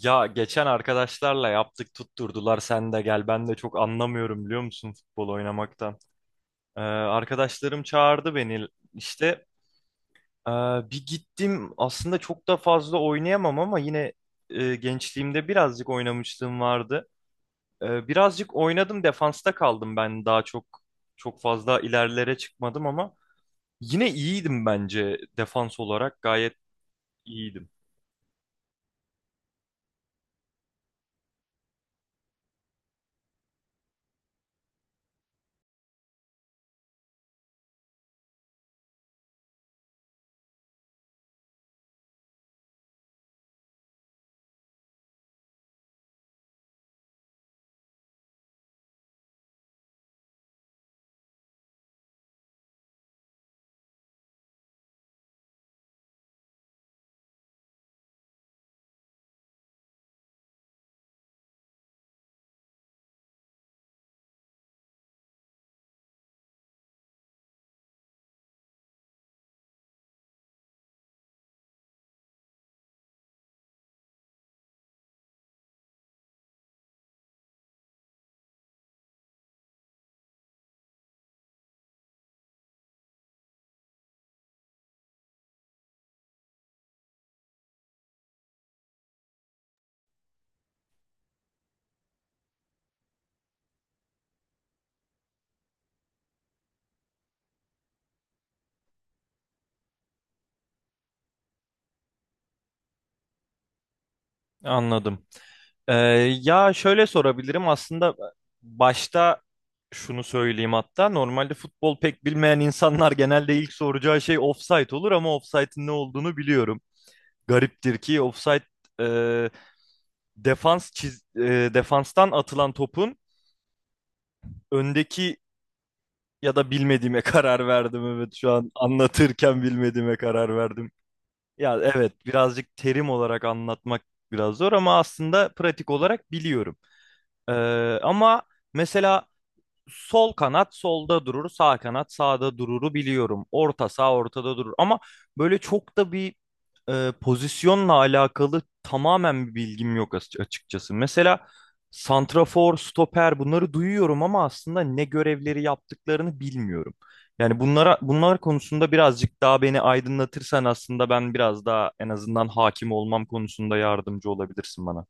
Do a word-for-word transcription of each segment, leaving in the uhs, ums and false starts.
Ya, geçen arkadaşlarla yaptık, tutturdular sen de gel, ben de çok anlamıyorum biliyor musun futbol oynamaktan. Ee, arkadaşlarım çağırdı beni işte, ee, bir gittim aslında çok da fazla oynayamam ama yine e, gençliğimde birazcık oynamışlığım vardı. Ee, birazcık oynadım, defansta kaldım, ben daha çok çok fazla ilerlere çıkmadım ama yine iyiydim, bence defans olarak gayet iyiydim. Anladım. Ee, Ya, şöyle sorabilirim aslında. Başta şunu söyleyeyim, hatta normalde futbol pek bilmeyen insanlar genelde ilk soracağı şey offside olur ama offside'in ne olduğunu biliyorum. Gariptir ki offside e, defans çiz, e, defanstan atılan topun öndeki ya da bilmediğime karar verdim, evet şu an anlatırken bilmediğime karar verdim. Ya evet, birazcık terim olarak anlatmak biraz zor ama aslında pratik olarak biliyorum. Ee, Ama mesela sol kanat solda durur, sağ kanat sağda dururu biliyorum. Orta sağ ortada durur ama böyle çok da bir e, pozisyonla alakalı tamamen bir bilgim yok as- açıkçası. Mesela santrafor, stoper bunları duyuyorum ama aslında ne görevleri yaptıklarını bilmiyorum. Yani bunlara bunlar konusunda birazcık daha beni aydınlatırsan, aslında ben biraz daha en azından hakim olmam konusunda yardımcı olabilirsin bana.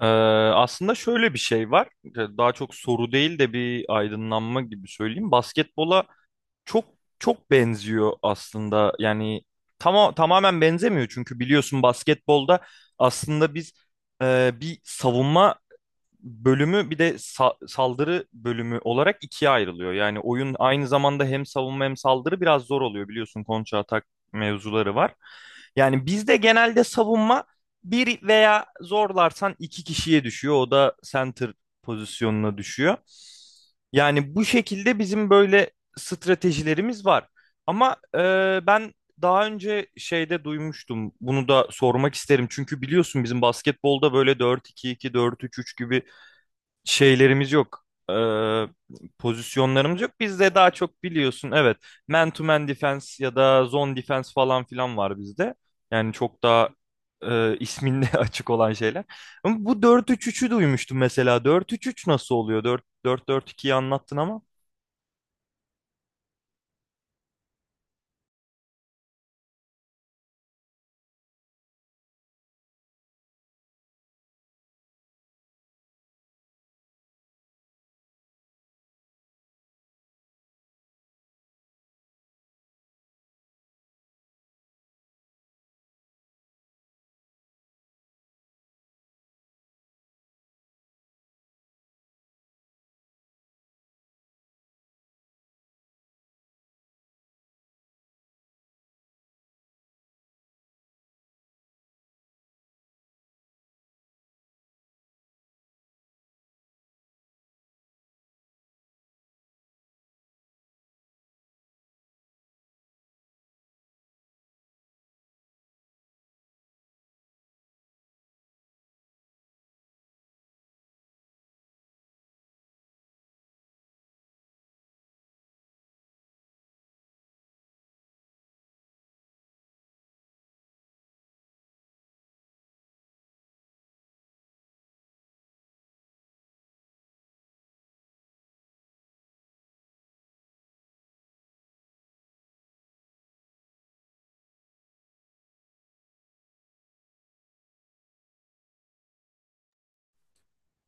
Ee, Aslında şöyle bir şey var. Ee, Daha çok soru değil de bir aydınlanma gibi söyleyeyim. Basketbola çok çok benziyor aslında. Yani tam, tamamen benzemiyor çünkü biliyorsun basketbolda aslında biz e, bir savunma bölümü, bir de sa- saldırı bölümü olarak ikiye ayrılıyor. Yani oyun aynı zamanda hem savunma hem saldırı, biraz zor oluyor, biliyorsun kontra atak mevzuları var. Yani bizde genelde savunma bir veya zorlarsan iki kişiye düşüyor. O da center pozisyonuna düşüyor. Yani bu şekilde bizim böyle stratejilerimiz var. Ama e, ben daha önce şeyde duymuştum. Bunu da sormak isterim. Çünkü biliyorsun bizim basketbolda böyle dört iki iki, dört üç üç gibi şeylerimiz yok. Ee, Pozisyonlarımız yok. Bizde daha çok, biliyorsun, evet, man to man defense ya da zone defense falan filan var bizde. Yani çok daha e, isminde açık olan şeyler. Ama bu dört üç üçü duymuştum mesela. Dört üç üç nasıl oluyor? Dört dört dört ikiyi anlattın ama.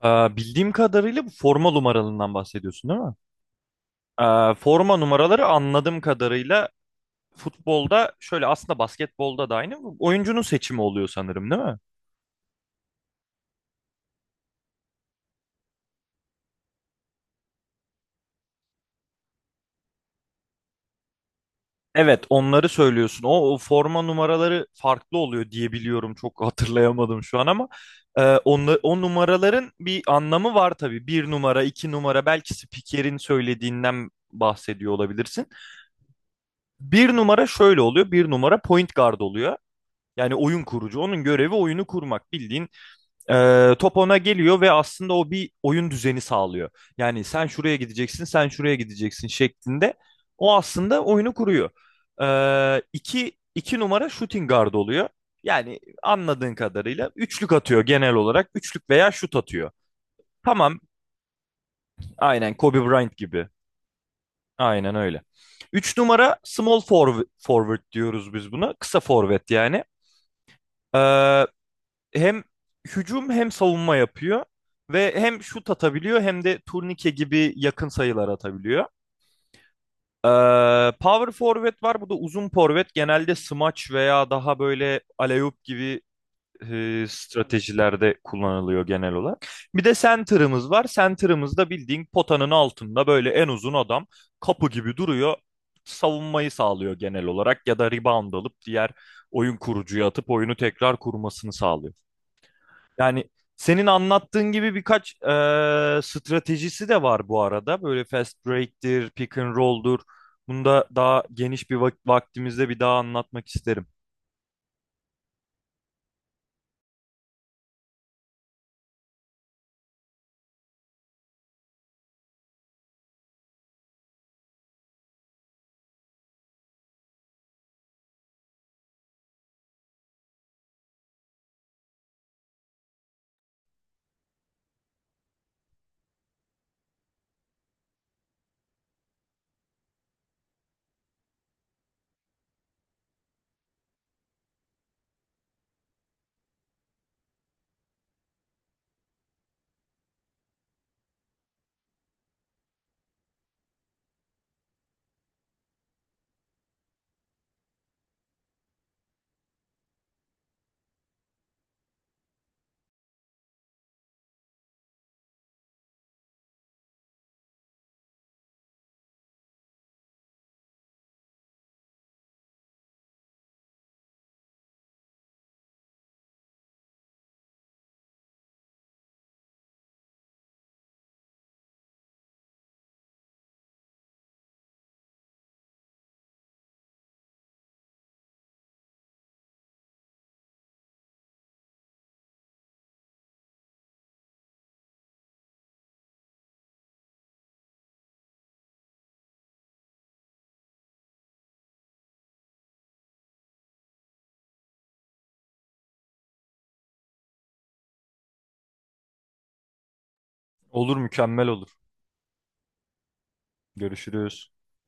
Ee, bildiğim kadarıyla bu forma numaralarından bahsediyorsun, değil mi? Ee, forma numaraları, anladığım kadarıyla futbolda şöyle, aslında basketbolda da aynı oyuncunun seçimi oluyor sanırım, değil mi? Evet, onları söylüyorsun. O, o forma numaraları farklı oluyor diye biliyorum. Çok hatırlayamadım şu an ama e, onla- o numaraların bir anlamı var tabii. Bir numara, iki numara, belki spikerin söylediğinden bahsediyor olabilirsin. Bir numara şöyle oluyor. Bir numara point guard oluyor. Yani oyun kurucu. Onun görevi oyunu kurmak. Bildiğin ee, top ona geliyor ve aslında o bir oyun düzeni sağlıyor. Yani sen şuraya gideceksin, sen şuraya gideceksin şeklinde. O aslında oyunu kuruyor. Ee, iki, iki numara shooting guard oluyor. Yani anladığın kadarıyla üçlük atıyor genel olarak. Üçlük veya şut atıyor. Tamam, aynen Kobe Bryant gibi. Aynen öyle. Üç numara small forv- forward diyoruz biz buna. Kısa forvet yani. Ee, Hem hücum hem savunma yapıyor ve hem şut atabiliyor hem de turnike gibi yakın sayılar atabiliyor. Ee, Power forward var. Bu da uzun forvet. Genelde smaç veya daha böyle alley-oop gibi e, stratejilerde kullanılıyor genel olarak. Bir de center'ımız var. Center'ımız da bildiğin potanın altında böyle en uzun adam, kapı gibi duruyor. Savunmayı sağlıyor genel olarak ya da rebound alıp diğer oyun kurucuya atıp oyunu tekrar kurmasını sağlıyor. Yani senin anlattığın gibi birkaç eee, stratejisi de var bu arada. Böyle fast break'tir, pick and roll'dur. Bunu da daha geniş bir vak- vaktimizde bir daha anlatmak isterim. Olur, mükemmel olur. Görüşürüz.